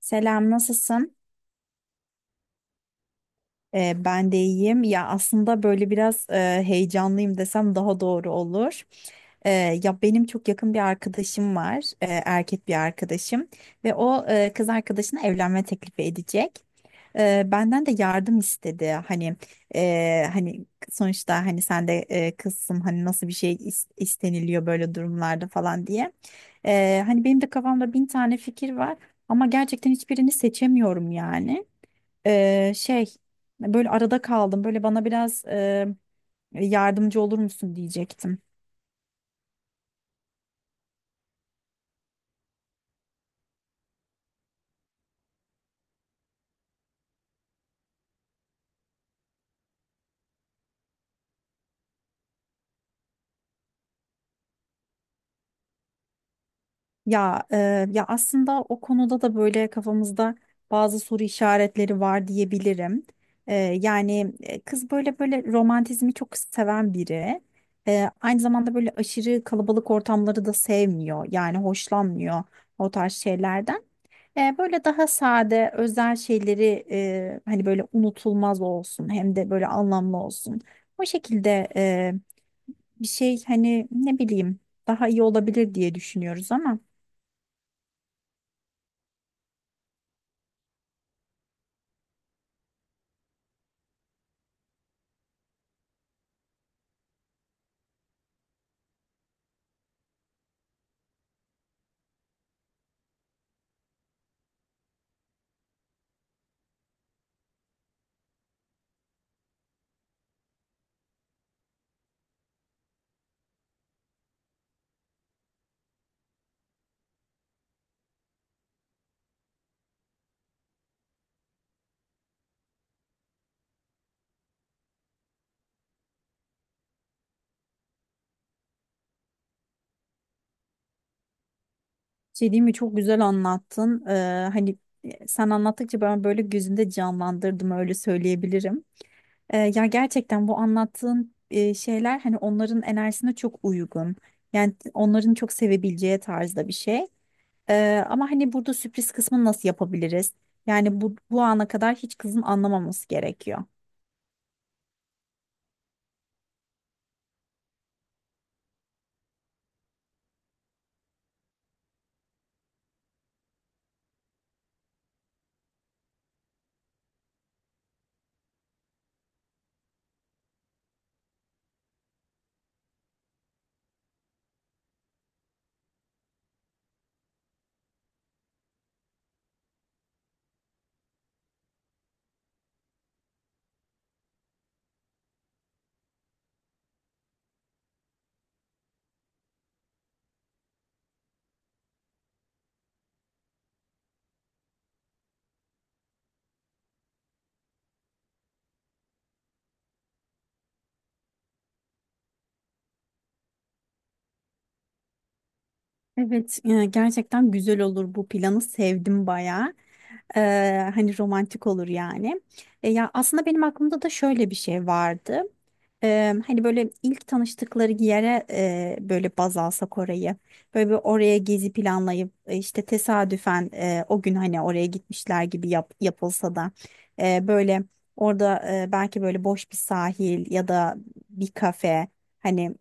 Selam, nasılsın? Ben de iyiyim. Ya aslında böyle biraz heyecanlıyım desem daha doğru olur. Ee, Ya benim çok yakın bir arkadaşım var, erkek bir arkadaşım ve o kız arkadaşına evlenme teklifi edecek. Benden de yardım istedi. Hani sonuçta hani sen de kızsın, hani nasıl bir şey isteniliyor böyle durumlarda falan diye. Hani benim de kafamda bin tane fikir var ama gerçekten hiçbirini seçemiyorum yani. Şey, böyle arada kaldım. Böyle bana biraz yardımcı olur musun diyecektim. Ya e, ya aslında o konuda da böyle kafamızda bazı soru işaretleri var diyebilirim. Yani kız böyle romantizmi çok seven biri. Aynı zamanda böyle aşırı kalabalık ortamları da sevmiyor. Yani hoşlanmıyor o tarz şeylerden. Böyle daha sade, özel şeyleri hani böyle unutulmaz olsun, hem de böyle anlamlı olsun. O şekilde bir şey hani ne bileyim daha iyi olabilir diye düşünüyoruz ama. Şey, diyeyim mi, çok güzel anlattın. Hani sen anlattıkça ben böyle gözümde canlandırdım, öyle söyleyebilirim. Ya gerçekten bu anlattığın şeyler hani onların enerjisine çok uygun. Yani onların çok sevebileceği tarzda bir şey. Ama hani burada sürpriz kısmını nasıl yapabiliriz? Yani bu ana kadar hiç kızın anlamaması gerekiyor. Evet, gerçekten güzel olur, bu planı sevdim bayağı. Hani romantik olur yani. Ya aslında benim aklımda da şöyle bir şey vardı. Hani böyle ilk tanıştıkları yere böyle baz alsak orayı. Böyle bir oraya gezi planlayıp işte tesadüfen o gün hani oraya gitmişler gibi yapılsa da böyle orada belki böyle boş bir sahil ya da bir kafe, hani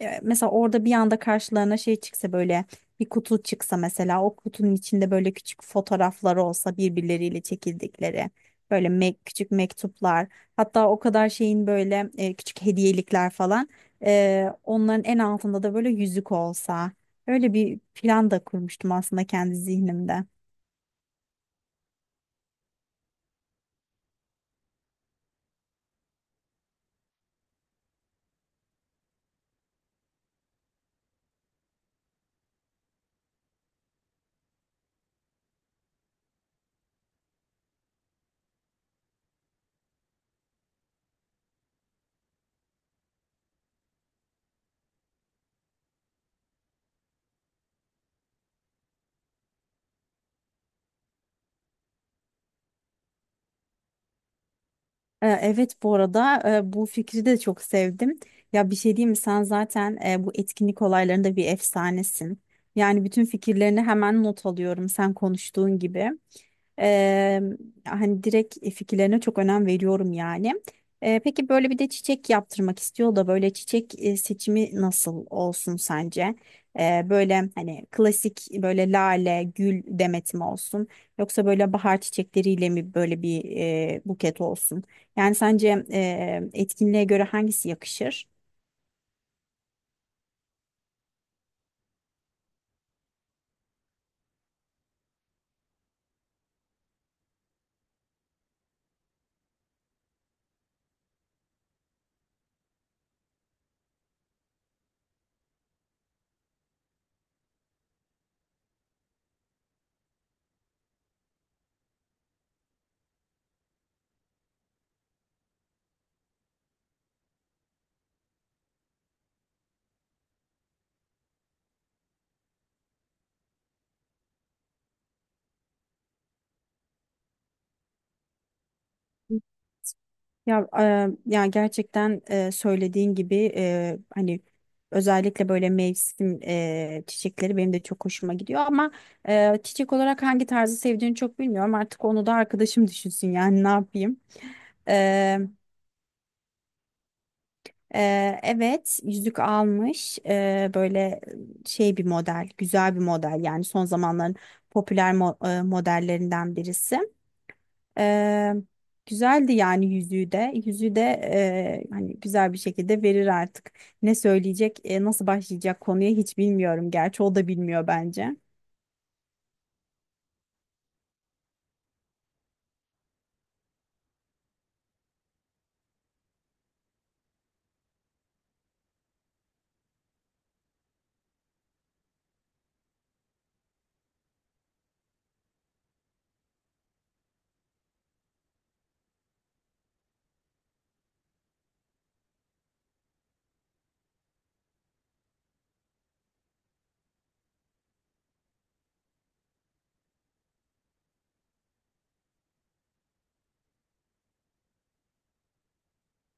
mesela orada bir anda karşılarına şey çıksa, böyle bir kutu çıksa, mesela o kutunun içinde böyle küçük fotoğrafları olsa birbirleriyle çekildikleri, böyle küçük mektuplar, hatta o kadar şeyin böyle küçük hediyelikler falan, onların en altında da böyle yüzük olsa, öyle bir plan da kurmuştum aslında kendi zihnimde. Evet, bu arada bu fikri de çok sevdim. Ya bir şey diyeyim mi, sen zaten bu etkinlik olaylarında bir efsanesin. Yani bütün fikirlerini hemen not alıyorum sen konuştuğun gibi. Eee, Hani direkt fikirlerine çok önem veriyorum yani. Peki böyle bir de çiçek yaptırmak istiyor da, böyle çiçek seçimi nasıl olsun sence? Böyle hani klasik böyle lale, gül demeti mi olsun? Yoksa böyle bahar çiçekleriyle mi böyle bir buket olsun? Yani sence etkinliğe göre hangisi yakışır? Ya gerçekten söylediğin gibi hani özellikle böyle mevsim çiçekleri benim de çok hoşuma gidiyor ama çiçek olarak hangi tarzı sevdiğini çok bilmiyorum. Artık onu da arkadaşım düşünsün yani, ne yapayım. E, evet, yüzük almış. Böyle şey, bir model, güzel bir model, yani son zamanların popüler modellerinden birisi. Eee, Güzeldi yani yüzüğü de. Yüzüğü de hani güzel bir şekilde verir artık. Ne söyleyecek, nasıl başlayacak konuya, hiç bilmiyorum. Gerçi o da bilmiyor bence.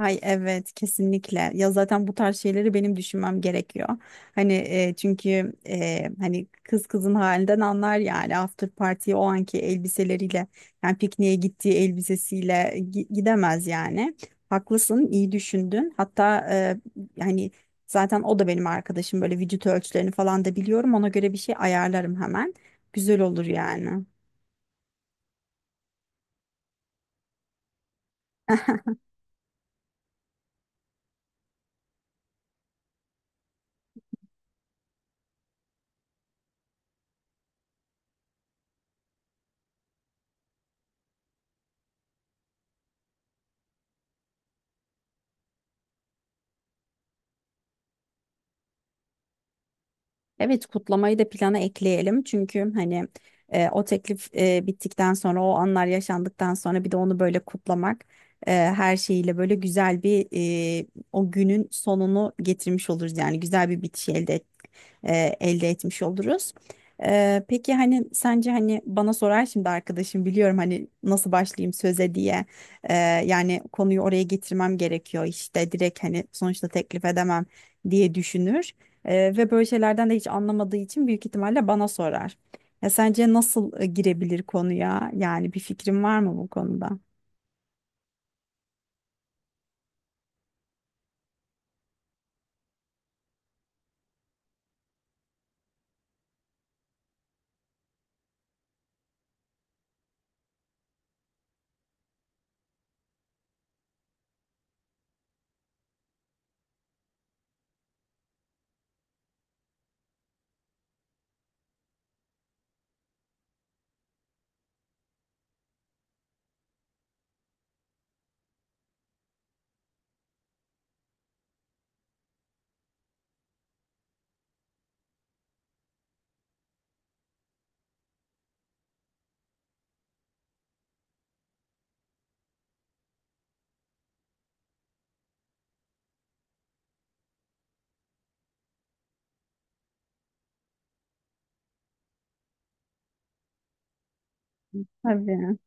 Ay evet, kesinlikle. Ya zaten bu tarz şeyleri benim düşünmem gerekiyor. Hani çünkü hani kız kızın halinden anlar yani, after party o anki elbiseleriyle, yani pikniğe gittiği elbisesiyle gidemez yani. Haklısın, iyi düşündün. Hatta yani zaten o da benim arkadaşım, böyle vücut ölçülerini falan da biliyorum. Ona göre bir şey ayarlarım hemen. Güzel olur yani. Evet, kutlamayı da plana ekleyelim, çünkü hani o teklif bittikten sonra, o anlar yaşandıktan sonra bir de onu böyle kutlamak, her şeyiyle böyle güzel bir, e, o günün sonunu getirmiş oluruz yani, güzel bir bitiş elde etmiş oluruz. Peki hani sence, hani bana sorar şimdi arkadaşım, biliyorum, hani nasıl başlayayım söze diye. E, Yani konuyu oraya getirmem gerekiyor işte, direkt hani sonuçta teklif edemem diye düşünür. Ve böyle şeylerden de hiç anlamadığı için büyük ihtimalle bana sorar. Ya sence nasıl girebilir konuya? Yani bir fikrin var mı bu konuda? Tabii.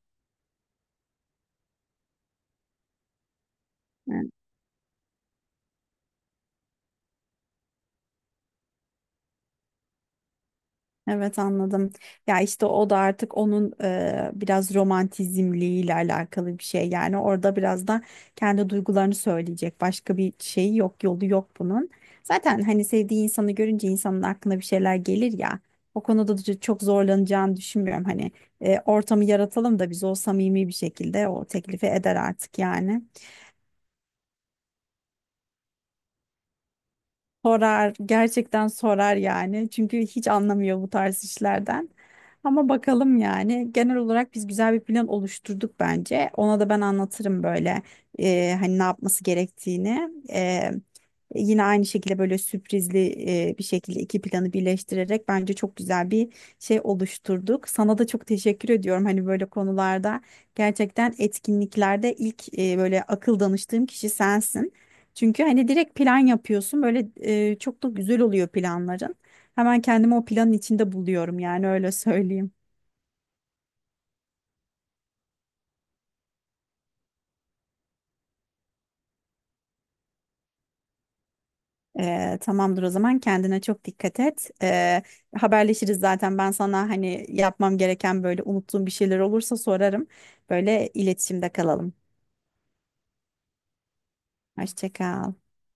Evet, anladım. Ya işte o da artık onun biraz romantizmliğiyle alakalı bir şey. Yani orada biraz da kendi duygularını söyleyecek. Başka bir şey yok, yolu yok bunun. Zaten hani sevdiği insanı görünce insanın aklına bir şeyler gelir ya. O konuda da çok zorlanacağını düşünmüyorum. Hani ortamı yaratalım da biz, o samimi bir şekilde o teklifi eder artık yani. Sorar, gerçekten sorar yani. Çünkü hiç anlamıyor bu tarz işlerden. Ama bakalım yani. Genel olarak biz güzel bir plan oluşturduk bence. Ona da ben anlatırım böyle hani ne yapması gerektiğini. Yine aynı şekilde böyle sürprizli bir şekilde iki planı birleştirerek bence çok güzel bir şey oluşturduk. Sana da çok teşekkür ediyorum hani böyle konularda. Gerçekten etkinliklerde ilk böyle akıl danıştığım kişi sensin. Çünkü hani direkt plan yapıyorsun, böyle çok da güzel oluyor planların. Hemen kendimi o planın içinde buluyorum yani, öyle söyleyeyim. Tamamdır, o zaman kendine çok dikkat et. Haberleşiriz zaten, ben sana hani yapmam gereken böyle unuttuğum bir şeyler olursa sorarım. Böyle iletişimde kalalım. Hoşça kal.